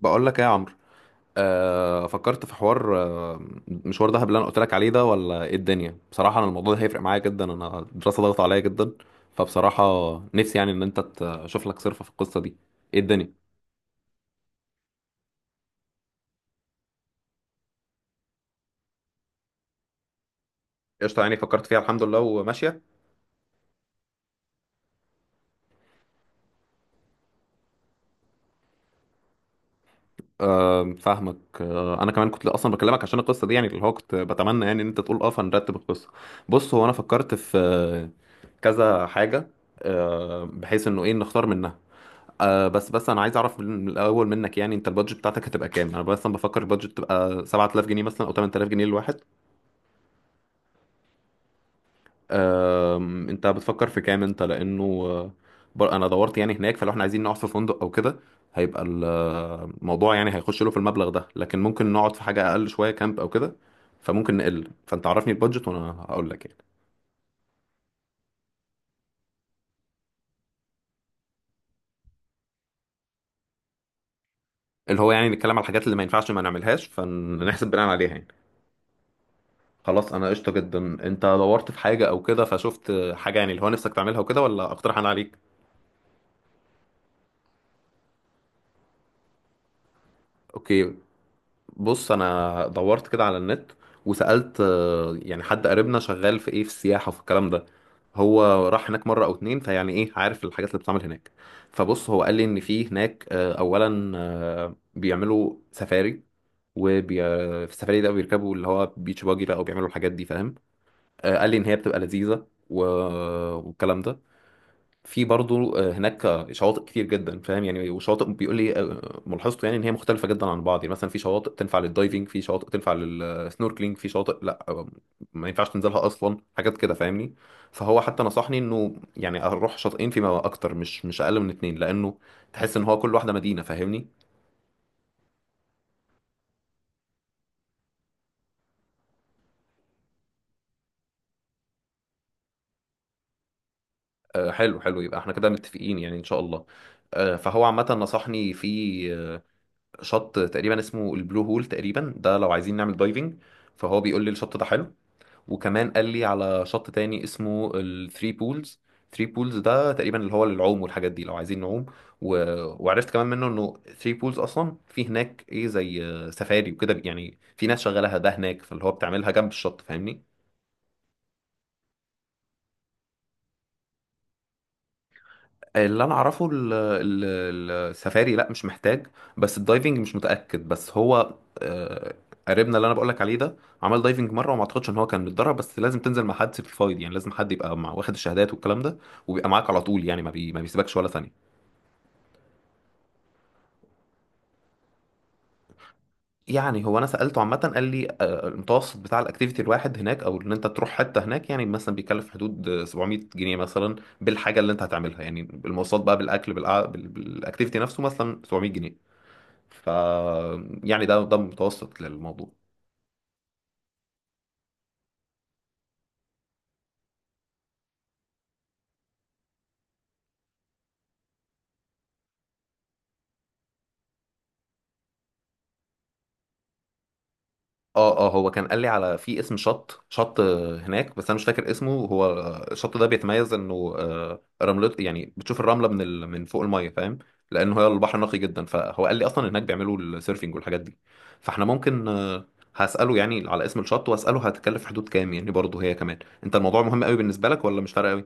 بقول لك ايه يا عمرو؟ فكرت في حوار آه مشوار دهب اللي انا قلت لك عليه ده، ولا ايه الدنيا؟ بصراحه انا الموضوع ده هيفرق معايا جدا. انا الدراسه ضغط عليا جدا، فبصراحه نفسي يعني ان انت تشوف لك صرفه في القصه دي. ايه الدنيا؟ قشطه، يعني فكرت فيها الحمد لله وماشيه. فاهمك. انا كمان كنت اصلا بكلمك عشان القصه دي، يعني اللي هو كنت بتمنى يعني ان انت تقول اه، فنرتب القصه. بص، هو انا فكرت في كذا حاجه. بحيث انه ايه، نختار منها. بس انا عايز اعرف من الاول منك، يعني انت البادجت بتاعتك هتبقى كام؟ انا مثلا بفكر البادجت تبقى 7000 جنيه مثلا او 8000 جنيه للواحد. انت بتفكر في كام انت؟ لانه انا دورت يعني هناك، فلو احنا عايزين نقعد في فندق او كده هيبقى الموضوع يعني هيخش له في المبلغ ده، لكن ممكن نقعد في حاجة اقل شوية، كامب او كده. فممكن نقل، فانت عرفني البادجت وانا هقول لك يعني. اللي هو يعني نتكلم على الحاجات اللي ما ينفعش ما نعملهاش، فنحسب بناء عليها يعني. خلاص انا قشطه جدا. انت دورت في حاجه او كده فشفت حاجه يعني اللي هو نفسك تعملها وكده، ولا اقترح انا عليك؟ اوكي. بص، انا دورت كده على النت وسالت يعني حد قريبنا شغال في ايه، في السياحه وفي الكلام ده. هو راح هناك مره او اتنين، فيعني ايه، عارف الحاجات اللي بتتعمل هناك. فبص، هو قال لي ان في هناك اولا بيعملوا سفاري. وبي... في السفاري ده بيركبوا اللي هو بيتش باجي بقى، وبيعملوا الحاجات دي، فاهم. قال لي ان هي بتبقى لذيذه والكلام ده. في برضو هناك شواطئ كتير جدا، فاهم يعني. وشواطئ بيقول لي ملاحظته يعني ان هي مختلفه جدا عن بعض، يعني مثلا في شواطئ تنفع للدايفنج، في شواطئ تنفع للسنوركلينج، في شواطئ لا ما ينفعش تنزلها اصلا، حاجات كده، فاهمني. فهو حتى نصحني انه يعني اروح شاطئين فيما اكتر، مش اقل من اتنين، لانه تحس ان هو كل واحده مدينه، فاهمني. حلو حلو، يبقى احنا كده متفقين يعني ان شاء الله. فهو عامه نصحني في شط تقريبا اسمه البلو هول تقريبا، ده لو عايزين نعمل دايفنج. فهو بيقول لي الشط ده حلو. وكمان قال لي على شط تاني اسمه الثري بولز. ثري بولز ده تقريبا اللي هو للعوم والحاجات دي، لو عايزين نعوم. و... وعرفت كمان منه انه ثري بولز اصلا في هناك ايه، زي سفاري وكده، يعني في ناس شغالها ده هناك، فاللي هو بتعملها جنب الشط، فاهمني. اللي انا اعرفه السفاري لا مش محتاج. بس الدايفنج مش متاكد، بس هو آه، قريبنا اللي انا بقولك عليه ده عمل دايفنج مره، وما اعتقدش ان هو كان متدرب، بس لازم تنزل مع حد سيرتيفايد، يعني لازم حد يبقى مع، واخد الشهادات والكلام ده، وبيبقى معاك على طول يعني، ما بيسيبكش ولا ثانيه. يعني هو انا سالته عامه، قال لي المتوسط بتاع الاكتيفيتي الواحد هناك او ان انت تروح حته هناك، يعني مثلا بيكلف حدود 700 جنيه مثلا، بالحاجه اللي انت هتعملها، يعني المواصلات بقى، بالاكل، بالاكتيفيتي نفسه، مثلا 700 جنيه. ف يعني ده متوسط للموضوع. اه، اه، هو كان قال لي على في اسم شط هناك، بس انا مش فاكر اسمه هو. الشط ده بيتميز انه رملته، يعني بتشوف الرمله من فوق الميه، فاهم. لانه هي البحر نقي جدا، فهو قال لي اصلا هناك بيعملوا السيرفنج والحاجات دي. فاحنا ممكن هساله يعني على اسم الشط، واساله هتكلف حدود كام، يعني برضه هي كمان. انت الموضوع مهم قوي بالنسبه لك، ولا مش فارقه؟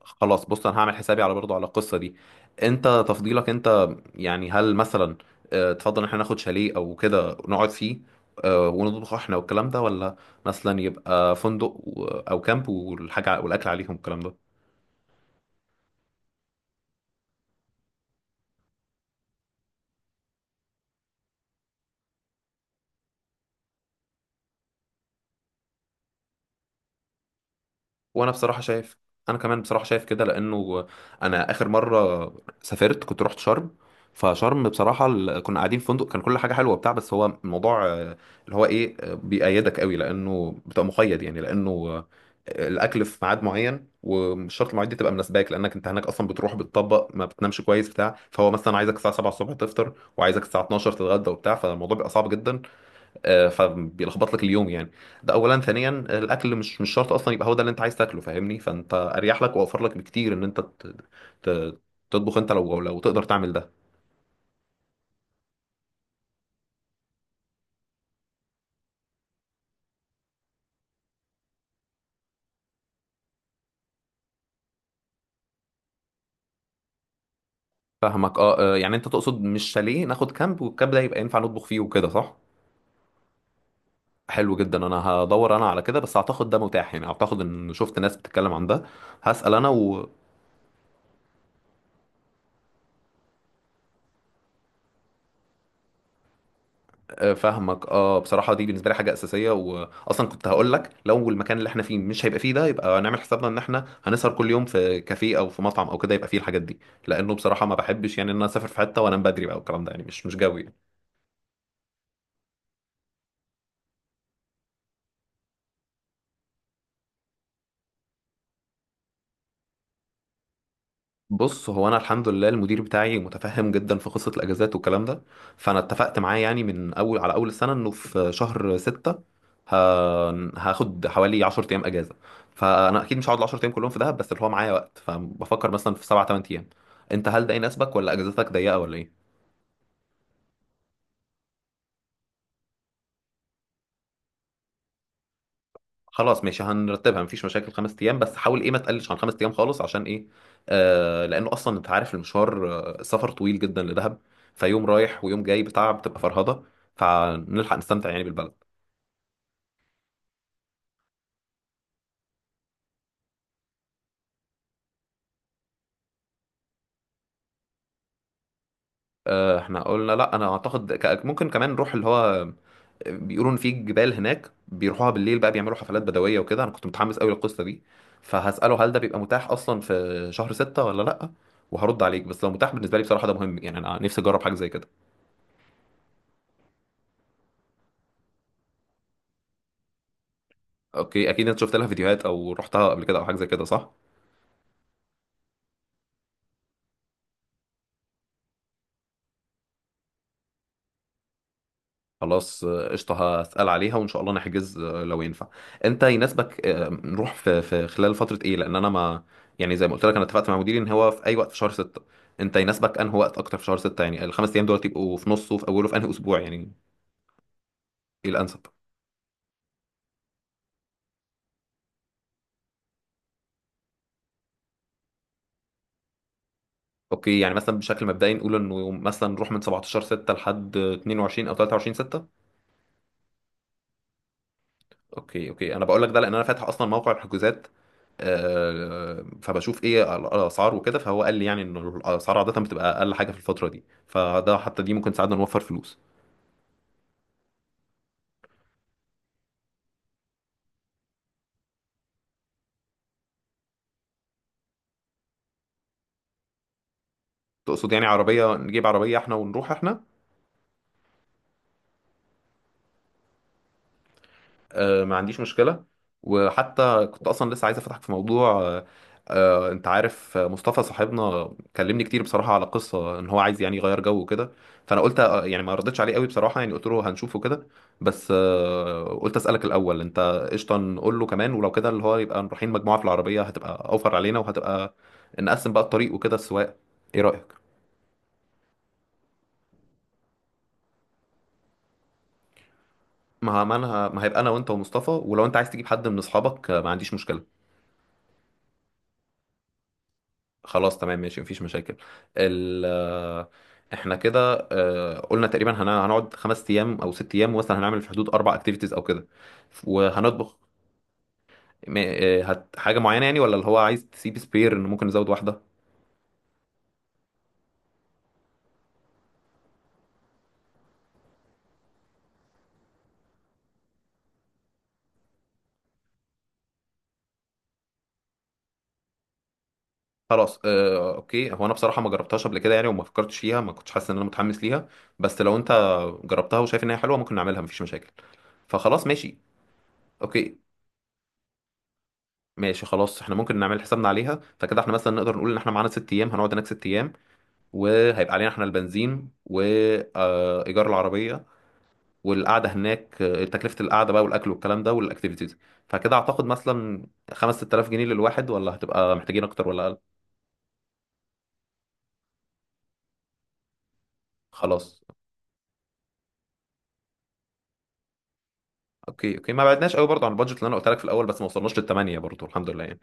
خلاص بص، انا هعمل حسابي على برضو على القصه دي. انت تفضيلك انت، يعني هل مثلا تفضل ان احنا ناخد شاليه او كده نقعد فيه، ونطبخ احنا والكلام ده، ولا مثلا يبقى فندق او كامب والحاجه، والاكل عليهم والكلام ده؟ وانا بصراحه شايف. انا كمان بصراحه شايف كده لانه انا اخر مره سافرت كنت رحت شرم، فشرم بصراحه كنا قاعدين في فندق، كان كل حاجه حلوه بتاع، بس هو الموضوع اللي هو ايه، بيقيدك قوي، لانه بتبقى مقيد يعني، لانه الاكل في ميعاد معين، ومش شرط المواعيد دي تبقى مناسباك، لانك انت هناك اصلا بتروح بتطبق، ما بتنامش كويس بتاع، فهو مثلا عايزك الساعه 7 الصبح تفطر، وعايزك الساعه 12 تتغدى وبتاع، فالموضوع بيبقى صعب جدا. فبيلخبط لك اليوم يعني. ده اولا، ثانيا الاكل مش شرط اصلا يبقى هو ده اللي انت عايز تاكله، فاهمني. فانت اريح لك واوفر لك بكتير ان انت ت- تطبخ انت، لو تقدر تعمل ده. فاهمك. اه. يعني انت تقصد مش شاليه، ناخد كامب، والكامب ده يبقى ينفع نطبخ فيه وكده، صح. حلو جدا، انا هدور انا على كده، بس اعتقد ده متاح يعني، اعتقد ان شفت ناس بتتكلم عن ده. هسأل انا. فاهمك. اه، بصراحه دي بالنسبه لي حاجه اساسيه. واصلا كنت هقول لك لو المكان اللي احنا فيه مش هيبقى فيه ده، يبقى نعمل حسابنا ان احنا هنسهر كل يوم في كافيه او في مطعم او كده، يبقى فيه الحاجات دي. لانه بصراحه ما بحبش يعني ان انا اسافر في حته وانام بدري بقى والكلام ده، يعني مش جوي. بص، هو انا الحمد لله المدير بتاعي متفهم جدا في قصه الاجازات والكلام ده، فانا اتفقت معاه يعني من اول على اول السنه انه في شهر ستة، ه- هاخد حوالي 10 ايام اجازه. فانا اكيد مش هقعد ال 10 ايام كلهم في دهب، بس اللي هو معايا وقت، فبفكر مثلا في سبع 8 ايام. انت هل ده يناسبك، ولا اجازتك ضيقه ولا ايه؟ خلاص ماشي، هنرتبها، مفيش مشاكل. خمس ايام، بس حاول ايه ما تقلش عن خمس ايام خالص، عشان ايه؟ لانه اصلا انت عارف المشوار، السفر طويل جدا لدهب. فيوم رايح ويوم جاي بتاع، بتبقى فرهضه. فنلحق نستمتع يعني بالبلد. احنا قلنا، لا انا اعتقد ممكن كمان نروح اللي هو بيقولوا ان في جبال هناك بيروحوها بالليل بقى، بيعملوا حفلات بدويه وكده، انا كنت متحمس قوي للقصه دي. فهساله هل ده بيبقى متاح اصلا في شهر ستة ولا لا، وهرد عليك. بس لو متاح بالنسبه لي بصراحه ده مهم يعني، انا نفسي اجرب حاجه زي كده. اوكي، اكيد انت شفت لها فيديوهات او رحتها قبل كده او حاجه زي كده، صح؟ خلاص قشطه، هسال عليها وان شاء الله نحجز لو ينفع. انت يناسبك نروح في خلال فتره ايه، لان انا ما، يعني زي ما قلت لك انا اتفقت مع مديري ان هو في اي وقت في شهر 6. انت يناسبك انه وقت اكتر في شهر 6، يعني الخمس ايام دول يبقوا في نصه، في اوله، في انهي اسبوع يعني؟ ايه الانسب؟ اوكي، يعني مثلا بشكل مبدئي نقول انه مثلا نروح من 17 6 لحد 22 او 23 6. اوكي اوكي، انا بقول لك ده لان انا فاتح اصلا موقع الحجوزات، فبشوف ايه الاسعار وكده. فهو قال لي يعني ان الاسعار عاده بتبقى اقل حاجه في الفتره دي، فده حتى دي ممكن تساعدنا نوفر فلوس. تقصد يعني عربيه، نجيب عربيه احنا ونروح احنا؟ ما عنديش مشكلة. وحتى كنت أصلا لسه عايز أفتحك في موضوع، أنت عارف مصطفى صاحبنا كلمني كتير بصراحة على قصة إن هو عايز يعني يغير جو وكده. فأنا قلت يعني ما ردتش عليه قوي بصراحة، يعني قلت له هنشوفه كده. بس قلت أسألك الأول. أنت قشطة نقول له كمان؟ ولو كده اللي هو يبقى رايحين مجموعة في العربية، هتبقى أوفر علينا، وهتبقى نقسم بقى الطريق وكده السواق. إيه رأيك؟ ما أنا ما، هيبقى أنا وأنت ومصطفى، ولو أنت عايز تجيب حد من أصحابك ما عنديش مشكلة. خلاص تمام ماشي، مفيش مشاكل. ال آه، احنا كده قلنا تقريبا هنقعد 5 ايام او 6 ايام، مثلا هنعمل في حدود 4 اكتيفيتيز او كده، وهنطبخ. هت حاجه معينه يعني، ولا اللي هو عايز تسيب سبير ان ممكن نزود واحده؟ خلاص اوكي. هو انا بصراحه ما جربتهاش قبل كده يعني، وما فكرتش فيها، ما كنتش حاسس ان انا متحمس ليها، بس لو انت جربتها وشايف ان هي حلوه ممكن نعملها، مفيش مشاكل. فخلاص ماشي. اوكي ماشي خلاص، احنا ممكن نعمل حسابنا عليها، فكده احنا مثلا نقدر نقول ان احنا معانا 6 ايام، هنقعد هناك 6 ايام، وهيبقى علينا احنا البنزين وايجار العربيه، والقعده هناك تكلفه القعده بقى، والاكل والكلام ده والاكتيفيتيز. فكده اعتقد مثلا 5 6000 جنيه للواحد، ولا هتبقى محتاجين اكتر ولا اقل؟ خلاص. اوكي اوكي، ما بعدناش قوي برضه عن البادجت اللي انا قلت لك في الاول، بس ما وصلناش للثمانيه برضه الحمد لله يعني.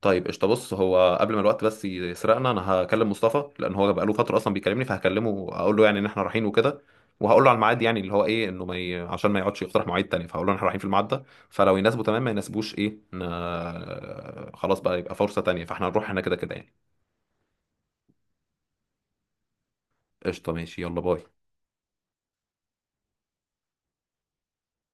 طيب قشطة، بص هو قبل ما الوقت بس يسرقنا، انا هكلم مصطفى لان هو بقاله فترة اصلا بيكلمني، فهكلمه اقول له يعني ان احنا رايحين وكده. وهقول له على الميعاد، يعني اللي هو ايه، انه ما ي... عشان ما يقعدش يقترح مواعيد تاني، فهقول له إن احنا رايحين في الميعاد ده. فلو يناسبه تمام، ما يناسبوش ايه، خلاص بقى، يبقى فرصة تانية. فاحنا هنروح هنا كده كده يعني. قشطة ماشي، يلا باي.